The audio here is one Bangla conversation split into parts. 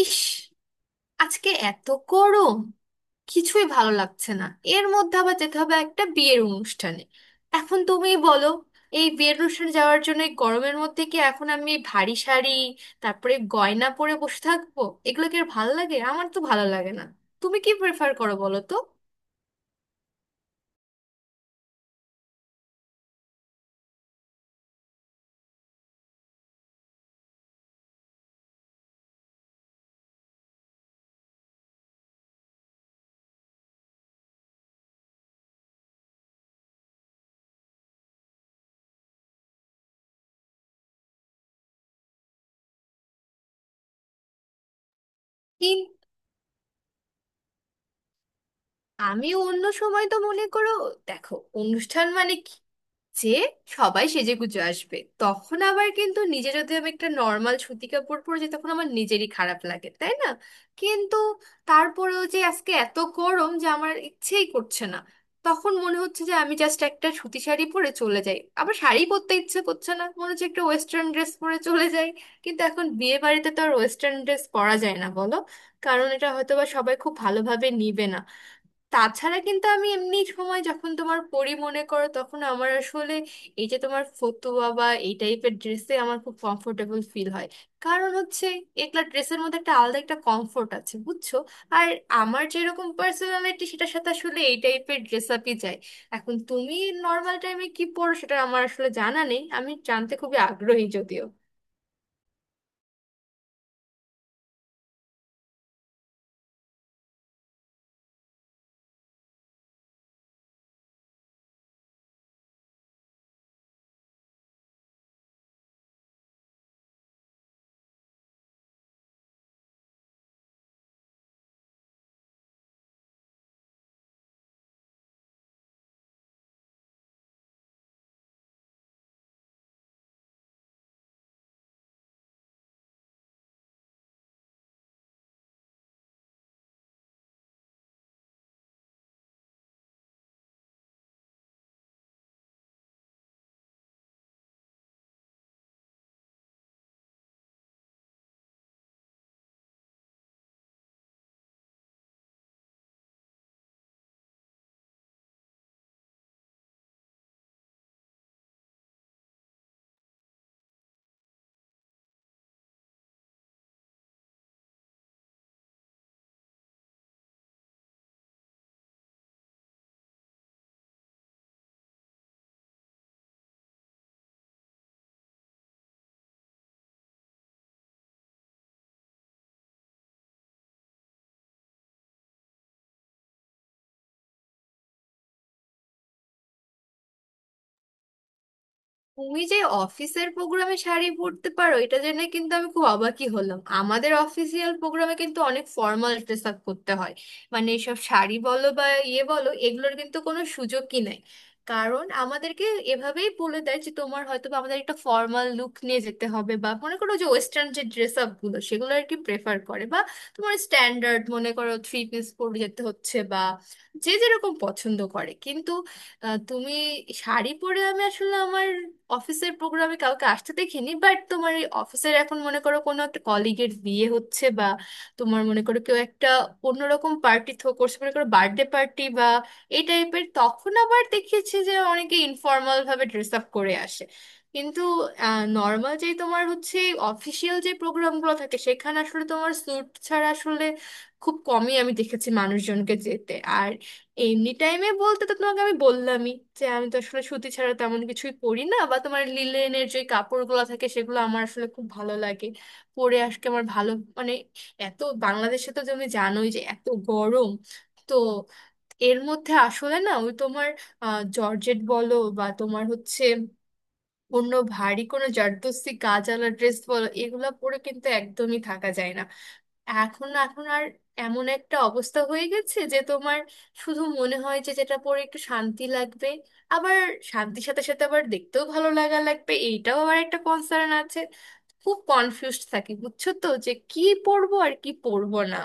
ইস, আজকে এত গরম কিছুই ভালো লাগছে না। এর মধ্যে আবার যেতে হবে একটা বিয়ের অনুষ্ঠানে। এখন তুমিই বলো, এই বিয়ের অনুষ্ঠানে যাওয়ার জন্য এই গরমের মধ্যে কি এখন আমি ভারী শাড়ি তারপরে গয়না পরে বসে থাকবো? এগুলো কি আর ভালো লাগে? আমার তো ভালো লাগে না। তুমি কি প্রেফার করো বলো তো? আমি অন্য সময় তো মনে করো, দেখো, অনুষ্ঠান মানে কি, যে সবাই সেজেগুজে আসবে তখন আবার কিন্তু নিজে যদি আমি একটা নর্মাল সুতি কাপড় পরে যাই তখন আমার নিজেরই খারাপ লাগে, তাই না? কিন্তু তারপরেও যে আজকে এত গরম যে আমার ইচ্ছেই করছে না। তখন মনে হচ্ছে যে আমি জাস্ট একটা সুতি শাড়ি পরে চলে যাই, আবার শাড়ি পরতে ইচ্ছে করছে না, মনে হচ্ছে একটা ওয়েস্টার্ন ড্রেস পরে চলে যাই। কিন্তু এখন বিয়ে বাড়িতে তো আর ওয়েস্টার্ন ড্রেস পরা যায় না, বলো। কারণ এটা হয়তো বা সবাই খুব ভালোভাবে নিবে না। তাছাড়া কিন্তু আমি এমনি সময় যখন তোমার পড়ি মনে করো, তখন আমার আসলে এই যে তোমার ফতুয়া বা এই টাইপের ড্রেসে আমার খুব কমফোর্টেবল ফিল হয়। কারণ হচ্ছে, এগুলা ড্রেসের মধ্যে একটা আলাদা একটা কমফোর্ট আছে, বুঝছো। আর আমার যেরকম পার্সোনালিটি সেটার সাথে আসলে এই টাইপের ড্রেস আপই যায়। এখন তুমি নর্মাল টাইমে কি পরো সেটা আমার আসলে জানা নেই, আমি জানতে খুবই আগ্রহী যদিও। তুমি যে অফিসের প্রোগ্রামে শাড়ি পরতে পারো এটা জেনে কিন্তু আমি খুব অবাকই হলাম। আমাদের অফিসিয়াল প্রোগ্রামে কিন্তু অনেক ফর্মাল ড্রেস আপ করতে হয়। মানে এসব শাড়ি বলো বা ইয়ে বলো, এগুলোর কিন্তু কোনো সুযোগই নাই। কারণ আমাদেরকে এভাবেই বলে দেয় যে তোমার হয়তো বা আমাদের একটা ফর্মাল লুক নিয়ে যেতে হবে, বা মনে করো যে ওয়েস্টার্ন যে ড্রেস আপ গুলো সেগুলো আর কি প্রেফার করে, বা তোমার স্ট্যান্ডার্ড মনে করো থ্রি পিস পরে যেতে হচ্ছে, বা যে যেরকম পছন্দ করে। কিন্তু তুমি শাড়ি পরে আমি আসলে আমার অফিসের প্রোগ্রামে কাউকে আসতে দেখিনি। বাট তোমার এই অফিসের এখন মনে করো কোনো একটা কলিগের বিয়ে হচ্ছে, বা তোমার মনে করো কেউ একটা অন্যরকম পার্টি থ্রো করছে, মনে করো বার্থডে পার্টি বা এই টাইপের, তখন আবার দেখিয়েছি যে অনেকে ইনফর্মাল ভাবে ড্রেস আপ করে আসে। কিন্তু নর্মাল যে তোমার হচ্ছে অফিসিয়াল যে প্রোগ্রামগুলো থাকে সেখানে আসলে তোমার স্যুট ছাড়া আসলে খুব কমই আমি দেখেছি মানুষজনকে যেতে। এমনি টাইমে বলতে তো তোমাকে আমি বললামই যে আমি তো আসলে সুতি ছাড়া তেমন কিছুই পরি না, বা তোমার লিলেনের যে কাপড়গুলো থাকে সেগুলো আমার আসলে খুব ভালো লাগে পরে। আজকে আমার ভালো মানে এত, বাংলাদেশে তো তুমি জানোই যে এত গরম, তো এর মধ্যে আসলে না ওই তোমার জর্জেট বলো বা তোমার হচ্ছে অন্য ভারী কোনো জারদস্তি গাজালা ড্রেস বলো, এগুলো পরে কিন্তু একদমই থাকা যায় না। এখন এখন আর এমন একটা অবস্থা হয়ে গেছে যে তোমার শুধু মনে হয় যে যেটা পরে একটু শান্তি লাগবে। আবার শান্তির সাথে সাথে আবার দেখতেও ভালো লাগা লাগবে, এইটাও আবার একটা কনসার্ন আছে। খুব কনফিউজড থাকি বুঝছো তো, যে কি পরবো আর কি পরবো না।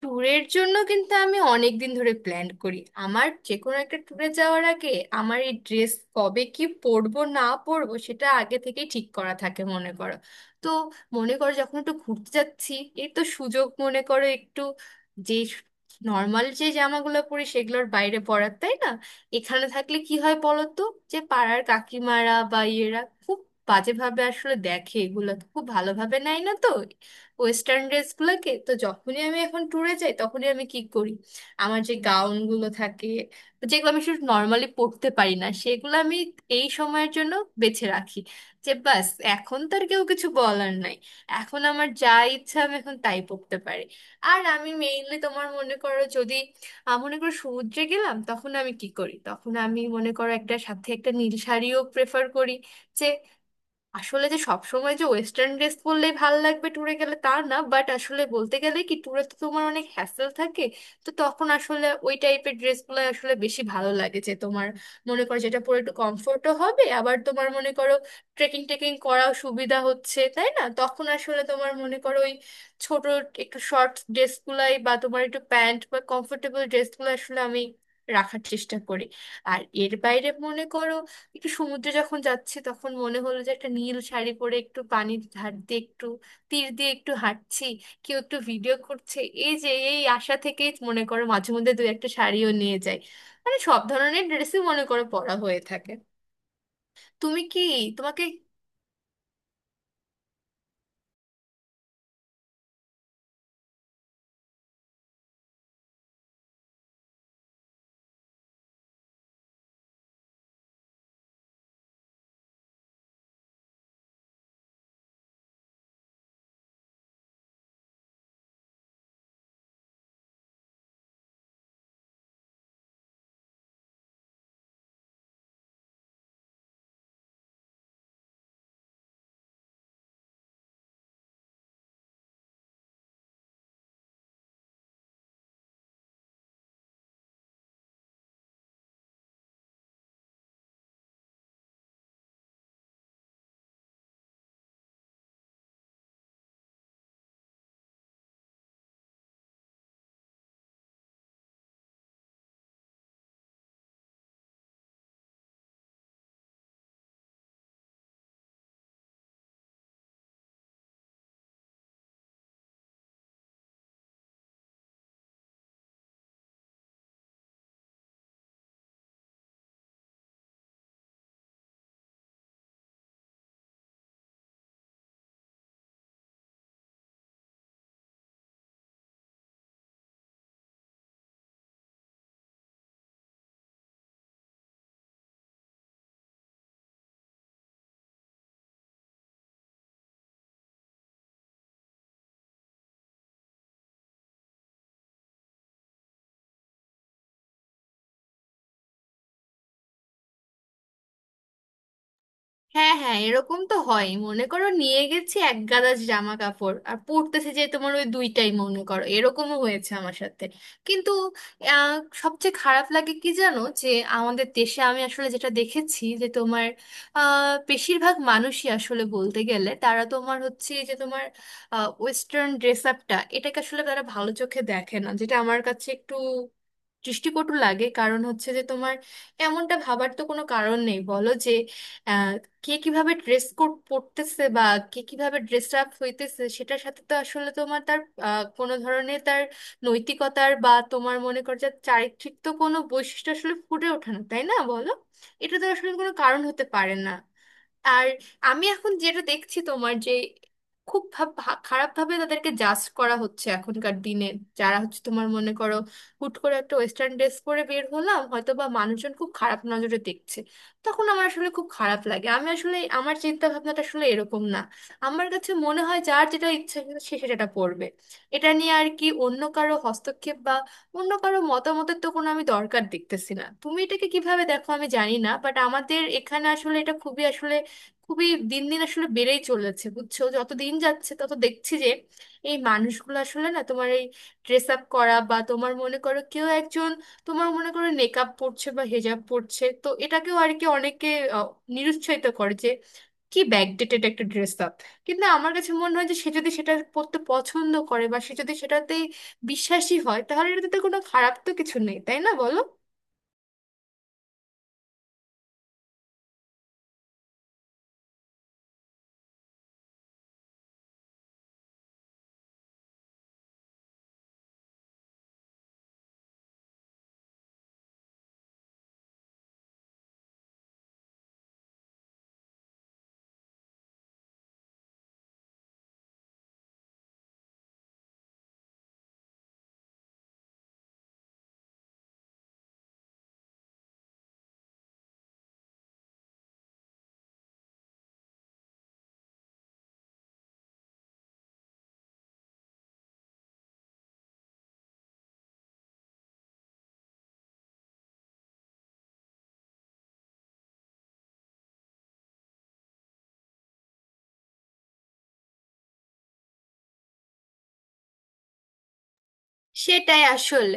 ট্যুরের জন্য কিন্তু আমি অনেক দিন ধরে প্ল্যান করি। আমার যে কোনো একটা ট্যুরে যাওয়ার আগে আমার এই ড্রেস কবে কি পরবো না পরবো সেটা আগে থেকেই ঠিক করা থাকে মনে করো। তো মনে করো যখন একটু ঘুরতে যাচ্ছি, এই তো সুযোগ মনে করো একটু, যে নর্মাল যে জামাগুলো পরি সেগুলোর বাইরে পরার, তাই না? এখানে থাকলে কি হয় বলো তো, যে পাড়ার কাকিমারা বা ইয়েরা খুব বাজেভাবে আসলে দেখে, এগুলো খুব ভালোভাবে নেয় না তো ওয়েস্টার্ন ড্রেসগুলোকে। তো যখনই আমি এখন ট্যুরে যাই তখনই আমি কি করি, আমার যে গাউনগুলো থাকে যেগুলো আমি শুধু নর্মালি পরতে পারি না সেগুলো আমি এই সময়ের জন্য বেছে রাখি। যে বাস, এখন তো আর কেউ কিছু বলার নাই, এখন আমার যা ইচ্ছা আমি এখন তাই পরতে পারি। আর আমি মেইনলি তোমার মনে করো যদি মনে করো সমুদ্রে গেলাম, তখন আমি কি করি তখন আমি মনে করো একটা সাথে একটা নীল শাড়িও প্রেফার করি। আসলে যে সবসময় যে ওয়েস্টার্ন ড্রেস পরলেই ভাল লাগবে ট্যুরে গেলে তা না, বাট আসলে বলতে গেলে কি, ট্যুরে তো তোমার অনেক হ্যাসেল থাকে। তো তখন আসলে ওই টাইপের ড্রেসগুলো আসলে বেশি ভালো লাগে, যে তোমার মনে করো যেটা পরে একটু কমফোর্টও হবে, আবার তোমার মনে করো ট্রেকিং টেকিং করাও সুবিধা হচ্ছে, তাই না? তখন আসলে তোমার মনে করো ওই ছোট, একটু শর্ট ড্রেসগুলাই বা তোমার একটু প্যান্ট বা কমফোর্টেবল ড্রেসগুলো আসলে আমি রাখার চেষ্টা করি। আর এর বাইরে মনে করো, একটু সমুদ্রে যখন যাচ্ছি তখন মনে হলো যে একটা নীল শাড়ি পরে একটু পানির ধার দিয়ে একটু তীর দিয়ে একটু হাঁটছি, কেউ একটু ভিডিও করছে, এই যে এই আশা থেকেই মনে করো মাঝে মধ্যে দু একটা শাড়িও নিয়ে যাই। মানে সব ধরনের ড্রেসই মনে করো পরা হয়ে থাকে। তুমি কি তোমাকে হ্যাঁ, হ্যাঁ, এরকম তো হয় মনে করো, নিয়ে গেছি এক গাদা জামা কাপড় আর পড়তেছে যে তোমার ওই দুইটাই, মনে করো এরকমও হয়েছে আমার সাথে। কিন্তু আহ, সবচেয়ে খারাপ লাগে কি জানো যে আমাদের দেশে আমি আসলে যেটা দেখেছি যে তোমার বেশিরভাগ মানুষই আসলে বলতে গেলে তারা তোমার হচ্ছে যে তোমার ওয়েস্টার্ন ড্রেস আপটা এটাকে আসলে তারা ভালো চোখে দেখে না, যেটা আমার কাছে একটু দৃষ্টিকটু লাগে। কারণ হচ্ছে যে তোমার এমনটা ভাবার তো কোনো কারণ নেই বলো, যে কে কিভাবে ড্রেস কোড পরতেছে বা কে কিভাবে ড্রেস আপ হইতেছে, সেটার সাথে তো আসলে তোমার তার কোনো ধরনের তার নৈতিকতার বা তোমার মনে কর যে চারিত্রিক তো কোনো বৈশিষ্ট্য আসলে ফুটে ওঠে না, তাই না বলো? এটা তো আসলে কোনো কারণ হতে পারে না। আর আমি এখন যেটা দেখছি তোমার যে খুব খারাপভাবে তাদেরকে জাজ করা হচ্ছে এখনকার দিনে, যারা হচ্ছে তোমার মনে করো হুট করে একটা ওয়েস্টার্ন ড্রেস পরে বের হলাম, হয়তো বা মানুষজন খুব খারাপ নজরে দেখছে। তখন আমার আসলে খুব খারাপ লাগে, আমি আসলে আমার চিন্তা ভাবনাটা আসলে এরকম না। আমার কাছে মনে হয় যার যেটা ইচ্ছা সে সেটা পড়বে, এটা নিয়ে আর কি অন্য কারো হস্তক্ষেপ বা অন্য কারো মতামতের তো কোনো আমি দরকার দেখতেছি না। তুমি এটাকে কিভাবে দেখো আমি জানি না, বাট আমাদের এখানে আসলে এটা খুবই আসলে খুবই দিন দিন আসলে বেড়েই চলেছে বুঝছো, যত দিন যাচ্ছে তত দেখছি যে এই মানুষগুলো আসলে না তোমার এই ড্রেস আপ করা বা তোমার মনে করো কেউ একজন তোমার মনে করো নেকাব পড়ছে বা হেজাব পড়ছে, তো এটাকেও আর কি অনেকে আহ, নিরুৎসাহিত করে যে কি ব্যাকডেটেড একটা ড্রেস আপ। কিন্তু আমার কাছে মনে হয় যে সে যদি সেটা পরতে পছন্দ করে বা সে যদি সেটাতেই বিশ্বাসী হয়, তাহলে এটাতে তো কোনো খারাপ তো কিছু নেই, তাই না বলো? সেটাই আসলে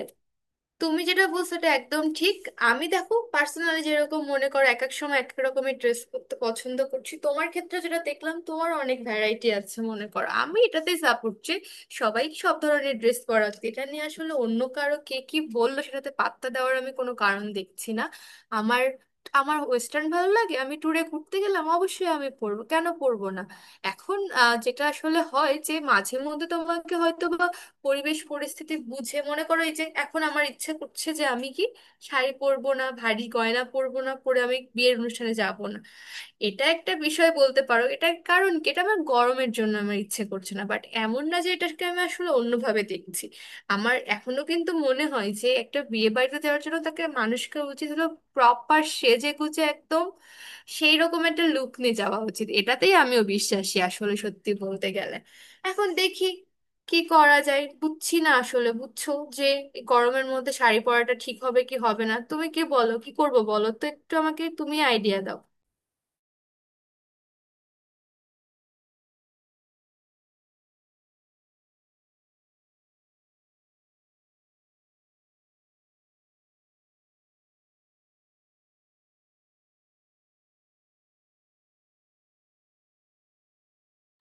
তুমি যেটা বলছো এটা একদম ঠিক। আমি দেখো পার্সোনালি যেরকম মনে করো এক এক সময় এক এক রকমের ড্রেস করতে পছন্দ করছি, তোমার ক্ষেত্রে যেটা দেখলাম তোমার অনেক ভ্যারাইটি আছে মনে করো, আমি এটাতেই সাপোর্ট যে সবাই সব ধরনের ড্রেস পরা উচিত। এটা নিয়ে আসলে অন্য কারো কে কি বললো সেটাতে পাত্তা দেওয়ার আমি কোনো কারণ দেখছি না। আমার আমার ওয়েস্টার্ন ভালো লাগে, আমি ট্যুরে ঘুরতে গেলাম অবশ্যই আমি পরবো, কেন পরবো না? এখন যেটা আসলে হয় যে মাঝে মধ্যে তোমাকে হয়তো পরিবেশ পরিস্থিতি বুঝে মনে করো, এই যে এখন আমার ইচ্ছে করছে যে আমি কি শাড়ি পরবো না ভারী গয়না পরবো না পরে আমি বিয়ের অনুষ্ঠানে যাব না, এটা একটা বিষয় বলতে পারো। এটা কারণ কি, এটা আমার গরমের জন্য আমার ইচ্ছে করছে না, বাট এমন না যে এটাকে আমি আসলে অন্যভাবে দেখছি। আমার এখনো কিন্তু মনে হয় যে একটা বিয়ে বাড়িতে যাওয়ার জন্য তাকে মানুষকে উচিত হলো প্রপার সেজে গুজে একদম সেই রকম একটা লুক নিয়ে যাওয়া উচিত, এটাতেই আমিও বিশ্বাসী আসলে সত্যি বলতে গেলে। এখন দেখি কি করা যায়, বুঝছি না আসলে, বুঝছো, যে এই গরমের মধ্যে শাড়ি পরাটা ঠিক হবে কি হবে না। তুমি কি বলো কি করবো বলো তো, একটু আমাকে তুমি আইডিয়া দাও।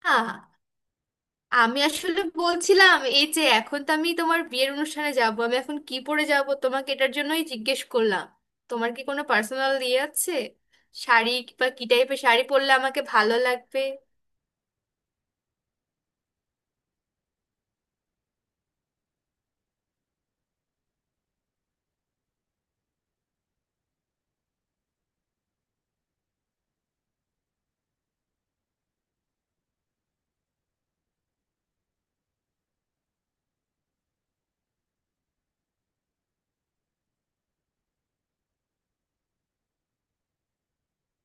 হ্যাঁ, আমি আসলে বলছিলাম এই যে এখন তো আমি তোমার বিয়ের অনুষ্ঠানে যাব, আমি এখন কি পরে যাব, তোমাকে এটার জন্যই জিজ্ঞেস করলাম। তোমার কি কোনো পার্সোনাল ইয়ে আছে শাড়ি বা কি টাইপের শাড়ি পরলে আমাকে ভালো লাগবে?